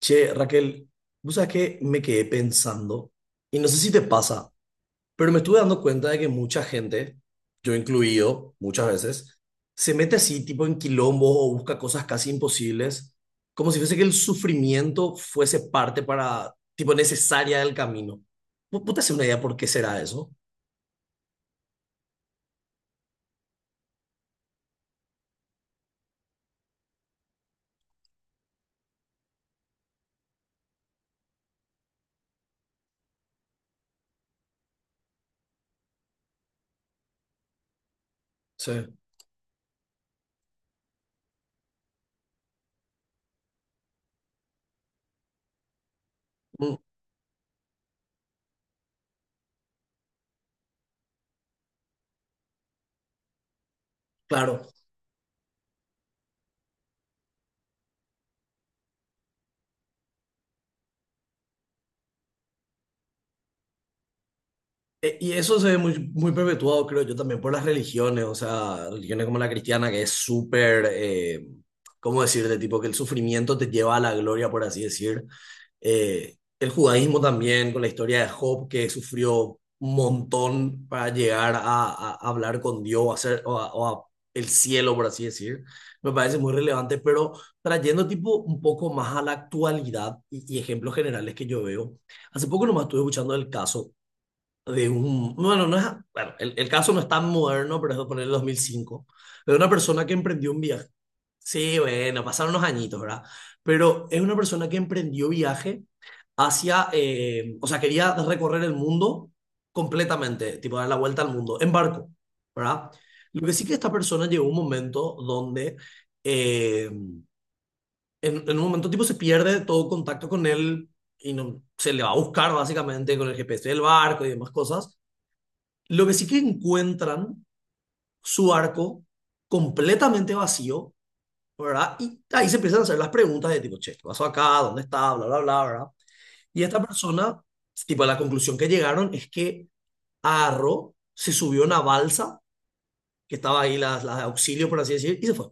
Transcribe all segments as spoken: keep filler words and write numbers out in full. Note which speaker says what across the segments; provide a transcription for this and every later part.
Speaker 1: Che, Raquel, vos sabés que me quedé pensando, y no sé si te pasa, pero me estuve dando cuenta de que mucha gente, yo incluido muchas veces, se mete así, tipo en quilombos o busca cosas casi imposibles, como si fuese que el sufrimiento fuese parte para, tipo, necesaria del camino. ¿Vos vos te haces una idea por qué será eso? Sí. Mm, claro. E- Y eso se ve muy, muy perpetuado, creo yo, también por las religiones, o sea, religiones como la cristiana, que es súper, eh, ¿cómo decirte? Tipo que el sufrimiento te lleva a la gloria, por así decir. Eh, el judaísmo también, con la historia de Job, que sufrió un montón para llegar a, a hablar con Dios, o a ser, o a, o a el cielo, por así decir. Me parece muy relevante, pero trayendo tipo un poco más a la actualidad y, y ejemplos generales que yo veo. Hace poco nomás estuve escuchando el caso de un, bueno, no es, bueno, el, el caso no es tan moderno, pero es de poner el dos mil cinco, de una persona que emprendió un viaje. Sí, bueno, pasaron unos añitos, ¿verdad? Pero es una persona que emprendió viaje hacia, eh, o sea, quería recorrer el mundo completamente, tipo dar la vuelta al mundo, en barco, ¿verdad? Lo que sí que esta persona llegó a un momento donde, eh, en, en un momento tipo se pierde todo contacto con él y no, se le va a buscar básicamente con el G P S del barco y demás cosas, lo que sí que encuentran su arco completamente vacío, ¿verdad? Y ahí se empiezan a hacer las preguntas de tipo, che, ¿qué pasó acá? ¿Dónde está? Bla, bla, bla, ¿verdad? Y esta persona, tipo, la conclusión que llegaron es que agarró, se subió a una balsa, que estaba ahí las las de auxilio, por así decir, y se fue.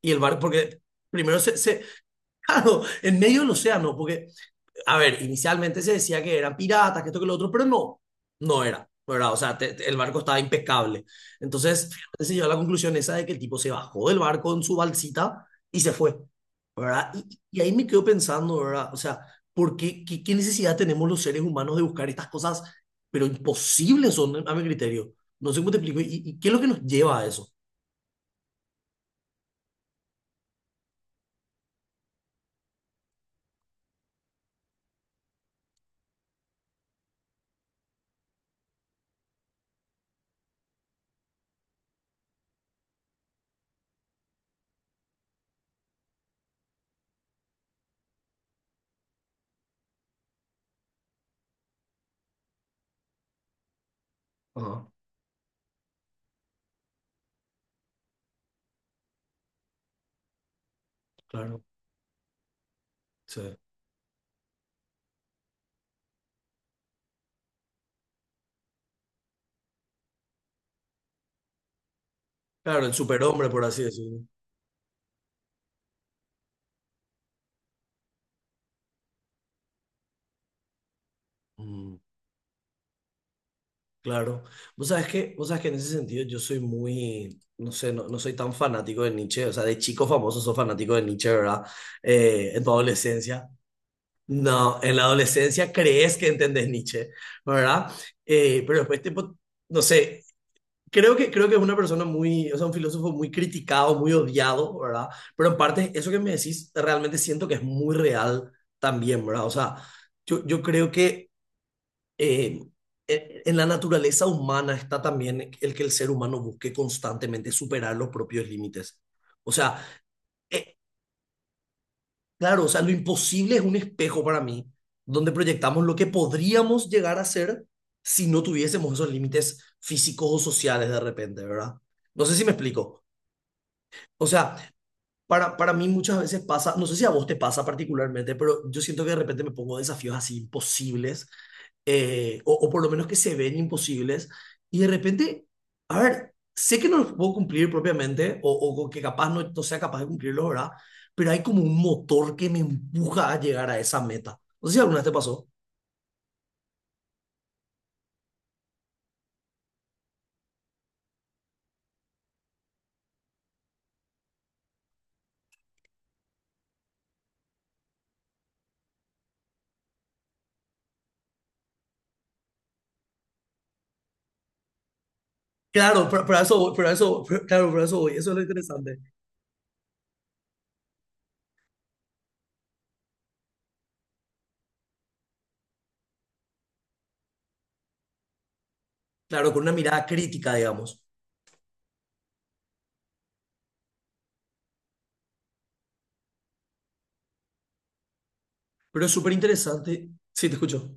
Speaker 1: Y el barco, porque primero se, se- claro, en medio del océano, porque a ver, inicialmente se decía que eran piratas, que esto, que lo otro, pero no, no era, ¿verdad? O sea, te- te- el barco estaba impecable. Entonces, finalmente se llegó a la conclusión esa de que el tipo se bajó del barco en su balsita y se fue, ¿verdad? Y, y ahí me quedo pensando, ¿verdad? O sea, ¿por qué, qué, qué necesidad tenemos los seres humanos de buscar estas cosas, pero imposibles son, a mi criterio? No sé cómo te explico. ¿Y, y qué es lo que nos lleva a eso? Ajá, claro. Sí. Claro, el superhombre, por así decirlo. Mm. Claro. Vos sabés que, vos sabés que en ese sentido yo soy muy, no sé, no, no soy tan fanático de Nietzsche, o sea, de chico famoso sos fanático de Nietzsche, ¿verdad? Eh, en tu adolescencia. No, en la adolescencia crees que entendés Nietzsche, ¿verdad? Eh, pero después, tipo, no sé, creo que, creo que es una persona muy, o sea, un filósofo muy criticado, muy odiado, ¿verdad? Pero en parte, eso que me decís, realmente siento que es muy real también, ¿verdad? O sea, yo, yo creo que eh, eh, en la naturaleza humana está también el que el ser humano busque constantemente superar los propios límites. O sea, eh, claro, o sea, lo imposible es un espejo para mí, donde proyectamos lo que podríamos llegar a ser si no tuviésemos esos límites físicos o sociales de repente, ¿verdad? No sé si me explico. O sea, para, para mí muchas veces pasa, no sé si a vos te pasa particularmente, pero yo siento que de repente me pongo desafíos así imposibles eh, o, o por lo menos que se ven imposibles, y de repente, a ver, sé que no los puedo cumplir propiamente, o, o que capaz no, no sea capaz de cumplirlo, ¿verdad? Pero hay como un motor que me empuja a llegar a esa meta. No sé si alguna vez te pasó. Claro, pero, pero a eso, voy, pero a eso, pero- claro, pero a eso voy, eso es lo interesante. Claro, con una mirada crítica, digamos. Pero es súper interesante. Sí, te escucho.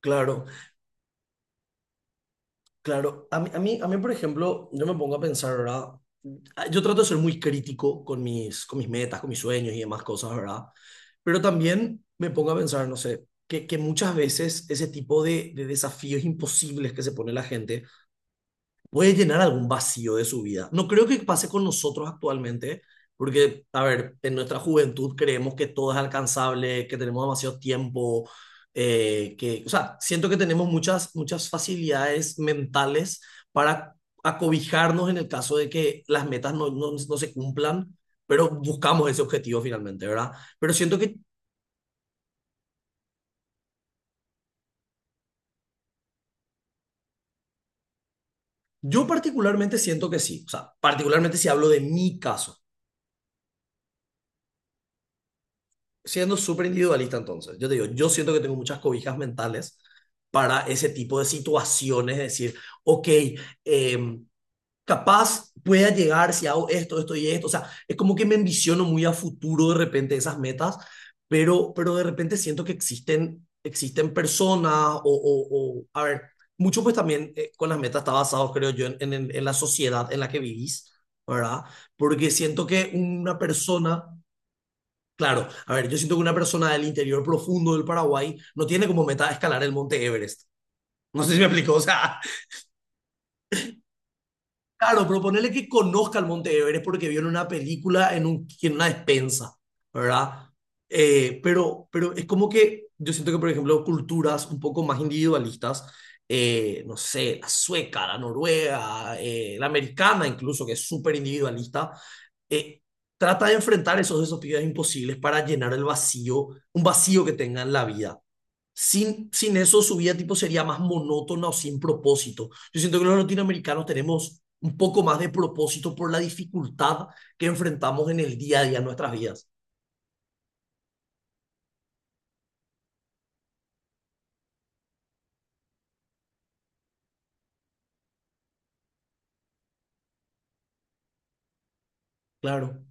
Speaker 1: Claro, claro. A mí, a mí, a mí, por ejemplo, yo me pongo a pensar, ¿verdad? Ah, yo trato de ser muy crítico con mis, con mis metas, con mis sueños y demás cosas, ¿verdad? Pero también me pongo a pensar, no sé, que, que muchas veces ese tipo de, de desafíos imposibles que se pone la gente puede llenar algún vacío de su vida. No creo que pase con nosotros actualmente, porque, a ver, en nuestra juventud creemos que todo es alcanzable, que tenemos demasiado tiempo, eh, que, o sea, siento que tenemos muchas, muchas facilidades mentales para acobijarnos en el caso de que las metas no, no, no se cumplan, pero buscamos ese objetivo finalmente, ¿verdad? Pero siento que yo particularmente siento que sí, o sea, particularmente si hablo de mi caso. Siendo súper individualista entonces, yo te digo, yo siento que tengo muchas cobijas mentales para ese tipo de situaciones, es decir, ok, eh, capaz pueda llegar si hago esto, esto y esto, o sea, es como que me ambiciono muy a futuro de repente esas metas, pero, pero de repente siento que existen, existen personas o, o, o a ver, mucho pues también eh, con las metas está basado, creo yo, en, en, en la sociedad en la que vivís, ¿verdad? Porque siento que una persona. Claro, a ver, yo siento que una persona del interior profundo del Paraguay no tiene como meta escalar el Monte Everest. No sé si me explico, o sea. Claro, pero ponele que conozca el Monte Everest porque vio en una película, en, un, en una despensa, ¿verdad? Eh, pero, pero es como que yo siento que, por ejemplo, culturas un poco más individualistas, eh, no sé, la sueca, la noruega, eh, la americana incluso, que es súper individualista, eh, trata de enfrentar esos desafíos imposibles para llenar el vacío, un vacío que tenga en la vida. Sin, sin eso, su vida tipo sería más monótona o sin propósito. Yo siento que los latinoamericanos tenemos un poco más de propósito por la dificultad que enfrentamos en el día a día en nuestras vidas. Claro,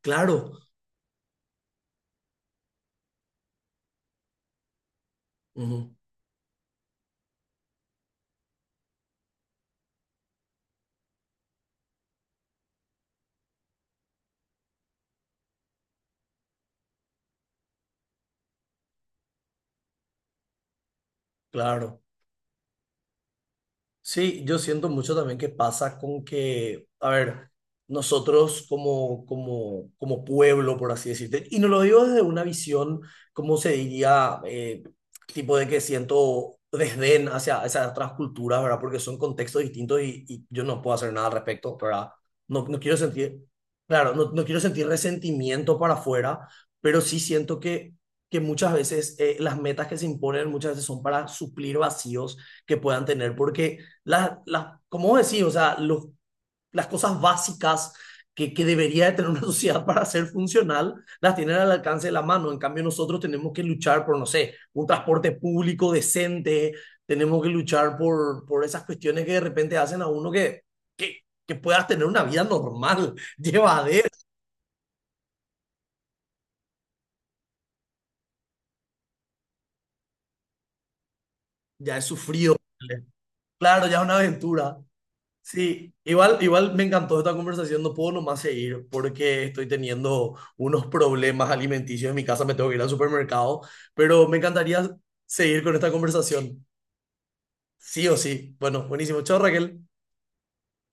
Speaker 1: claro, ujú, claro. Sí, yo siento mucho también que pasa con que, a ver, nosotros como, como, como pueblo, por así decirte, y no lo digo desde una visión, como se diría, eh, tipo de que siento desdén hacia esas otras culturas, ¿verdad? Porque son contextos distintos y, y yo no puedo hacer nada al respecto, ¿verdad? No, no quiero sentir, claro, no, no quiero sentir resentimiento para afuera, pero sí siento que, que muchas veces eh, las metas que se imponen muchas veces son para suplir vacíos que puedan tener, porque las, las, como decís, o sea, los, las cosas básicas que, que debería de tener una sociedad para ser funcional, las tienen al alcance de la mano. En cambio, nosotros tenemos que luchar por, no sé, un transporte público decente, tenemos que luchar por, por esas cuestiones que de repente hacen a uno que, que, que puedas tener una vida normal, llevadera. Ya he sufrido, claro, ya es una aventura. Sí, igual, igual me encantó esta conversación, no puedo nomás seguir porque estoy teniendo unos problemas alimenticios en mi casa, me tengo que ir al supermercado, pero me encantaría seguir con esta conversación, sí o sí. Bueno, buenísimo, chao Raquel.